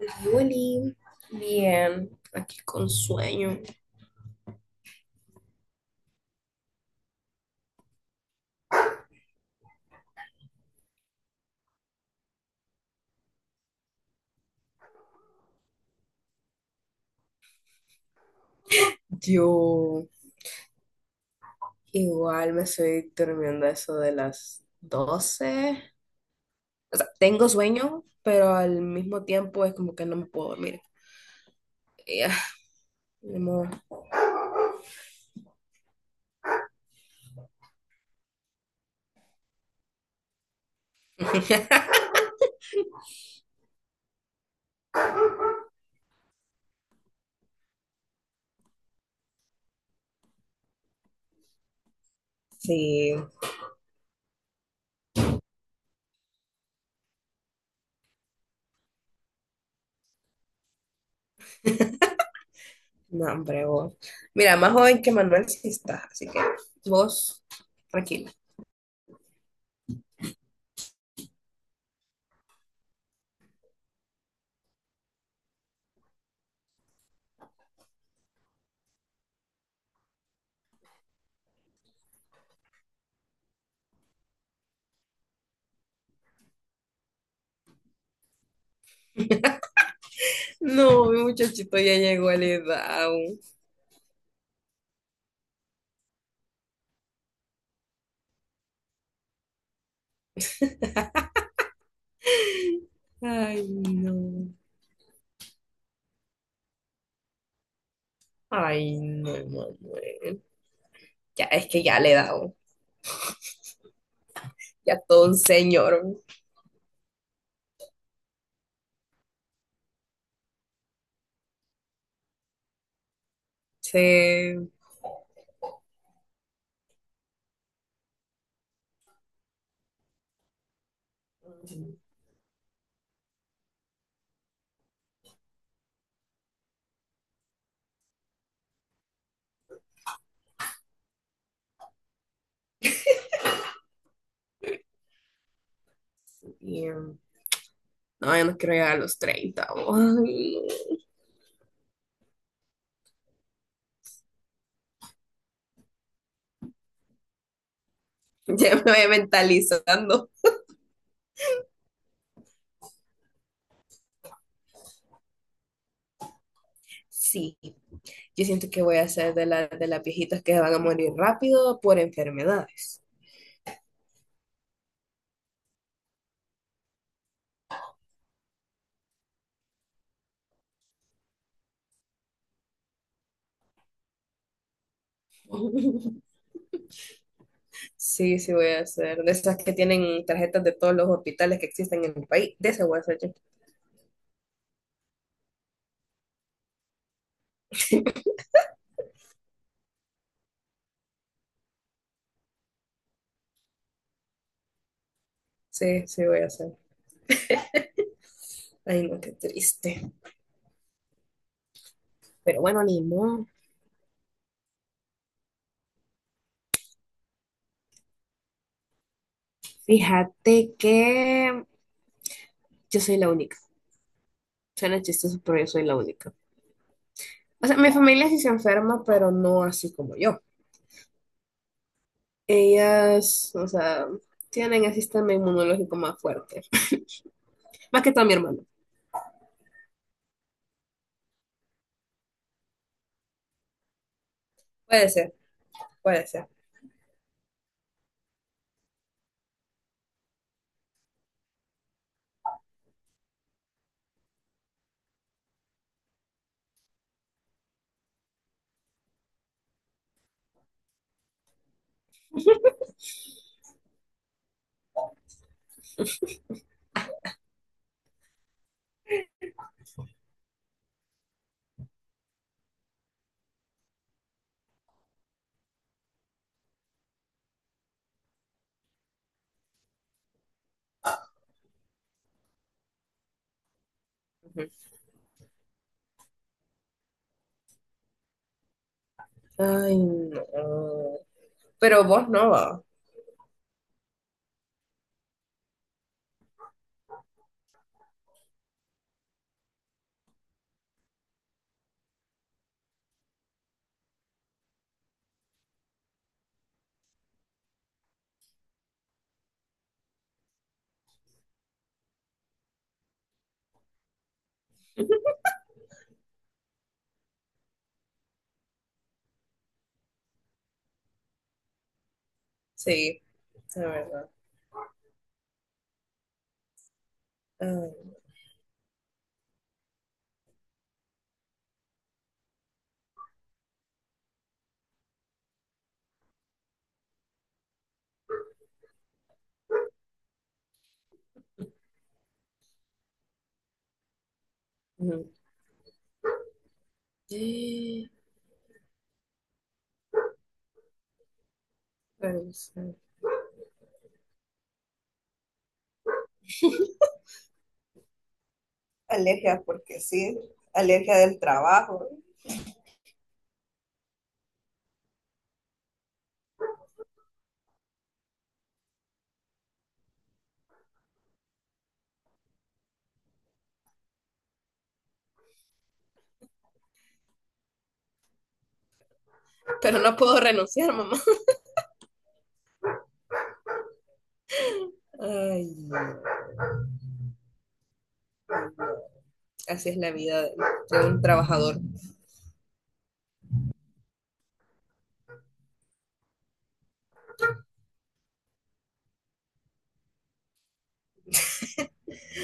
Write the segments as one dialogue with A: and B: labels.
A: Ay, Oli, bien, aquí con sueño. Yo igual me estoy durmiendo a eso de las doce. O sea, tengo sueño, pero al mismo tiempo es como que no me puedo dormir. Ya, ni modo. Sí, no, hombre, vos. Mira, más joven que Manuel sí estás, así que vos, tranquila. No, mi muchachito ya llegó a la edad. Ay, no. Ay, no, Manuel. Ya, es que ya le he dado. Ya todo un señor. Sí. um, No, yo no quiero llegar a los treinta. Ay, no. Ya me voy mentalizando. Sí, yo siento que voy a ser de las viejitas que van a morir rápido por enfermedades. Sí, sí voy a ser. De esas que tienen tarjetas de todos los hospitales que existen en el país. De esas voy a ser yo. Sí, sí voy a ser. Ay, no, qué triste. Pero bueno, ni modo. Fíjate que yo soy la única. Suena chistoso, pero yo soy la única. O sea, mi familia sí se enferma, pero no así como yo. Ellas, o sea, tienen el sistema inmunológico más fuerte. Más que todo mi hermano. Puede ser, puede ser. Ujú. Ay, no. Pero vos no, va. Sí, la verdad. Ay, no. Ujú. Eh, Renunciar. Alergia porque sí, alergia del trabajo. Pero no puedo renunciar, mamá. Ay, no. Así es la vida de un trabajador.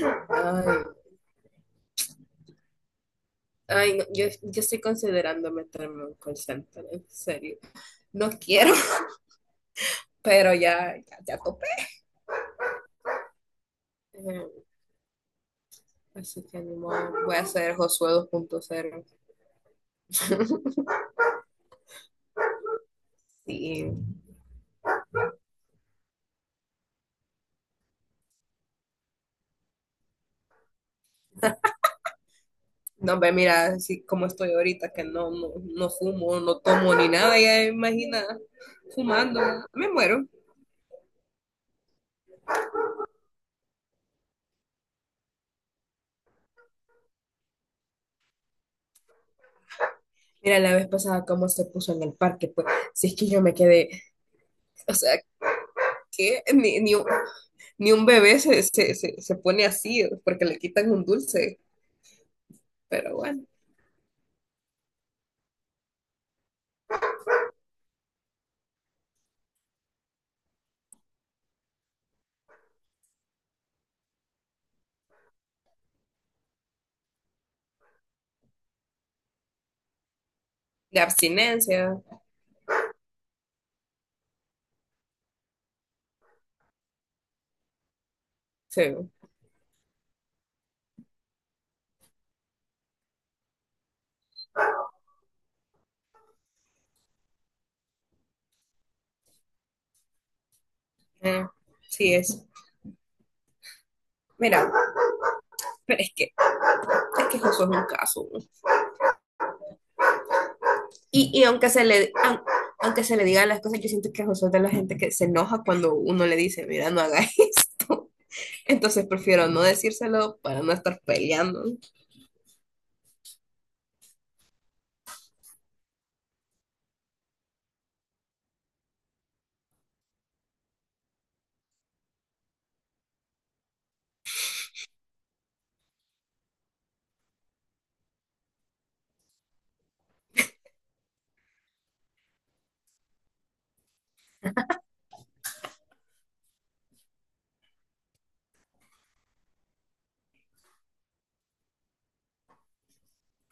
A: Ay, Ay, no, yo estoy considerando meterme en un call center, en serio. No quiero, pero ya, ya, ya topé. Eh, Así que ni modo, voy a hacer Josué 2.0. Sí, no ve, mira, así como estoy ahorita, que no, no, no fumo, no tomo ni nada, ya imagina, fumando, me muero. Mira, la vez pasada cómo se puso en el parque, pues, si es que yo me quedé, o sea, que ni un bebé se pone así, porque le quitan un dulce, pero bueno. De abstinencia. Sí, eh, sí es. Mira, pero es que Josué es un caso. Y aunque se le digan las cosas, yo siento que Josué es de la gente que se enoja cuando uno le dice, mira, no haga esto. Entonces prefiero no decírselo para no estar peleando.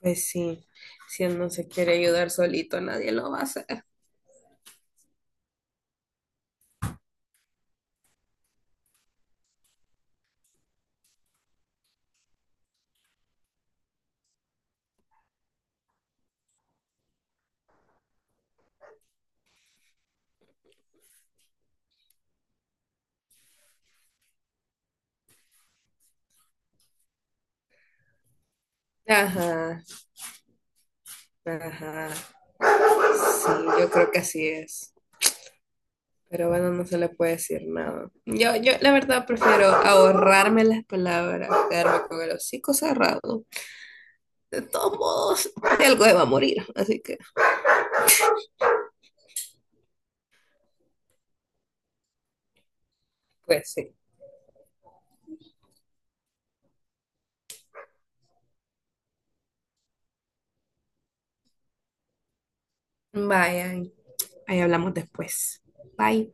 A: Pues sí, si él no se quiere ayudar solito, nadie lo va a hacer. Ajá, ajá. Sí, yo creo que así es. Pero bueno, no se le puede decir nada. Yo la verdad prefiero ahorrarme las palabras, quedarme con el hocico cerrado. De todos modos, de algo se va a morir, así que pues sí. Vayan, ahí hablamos después. Bye.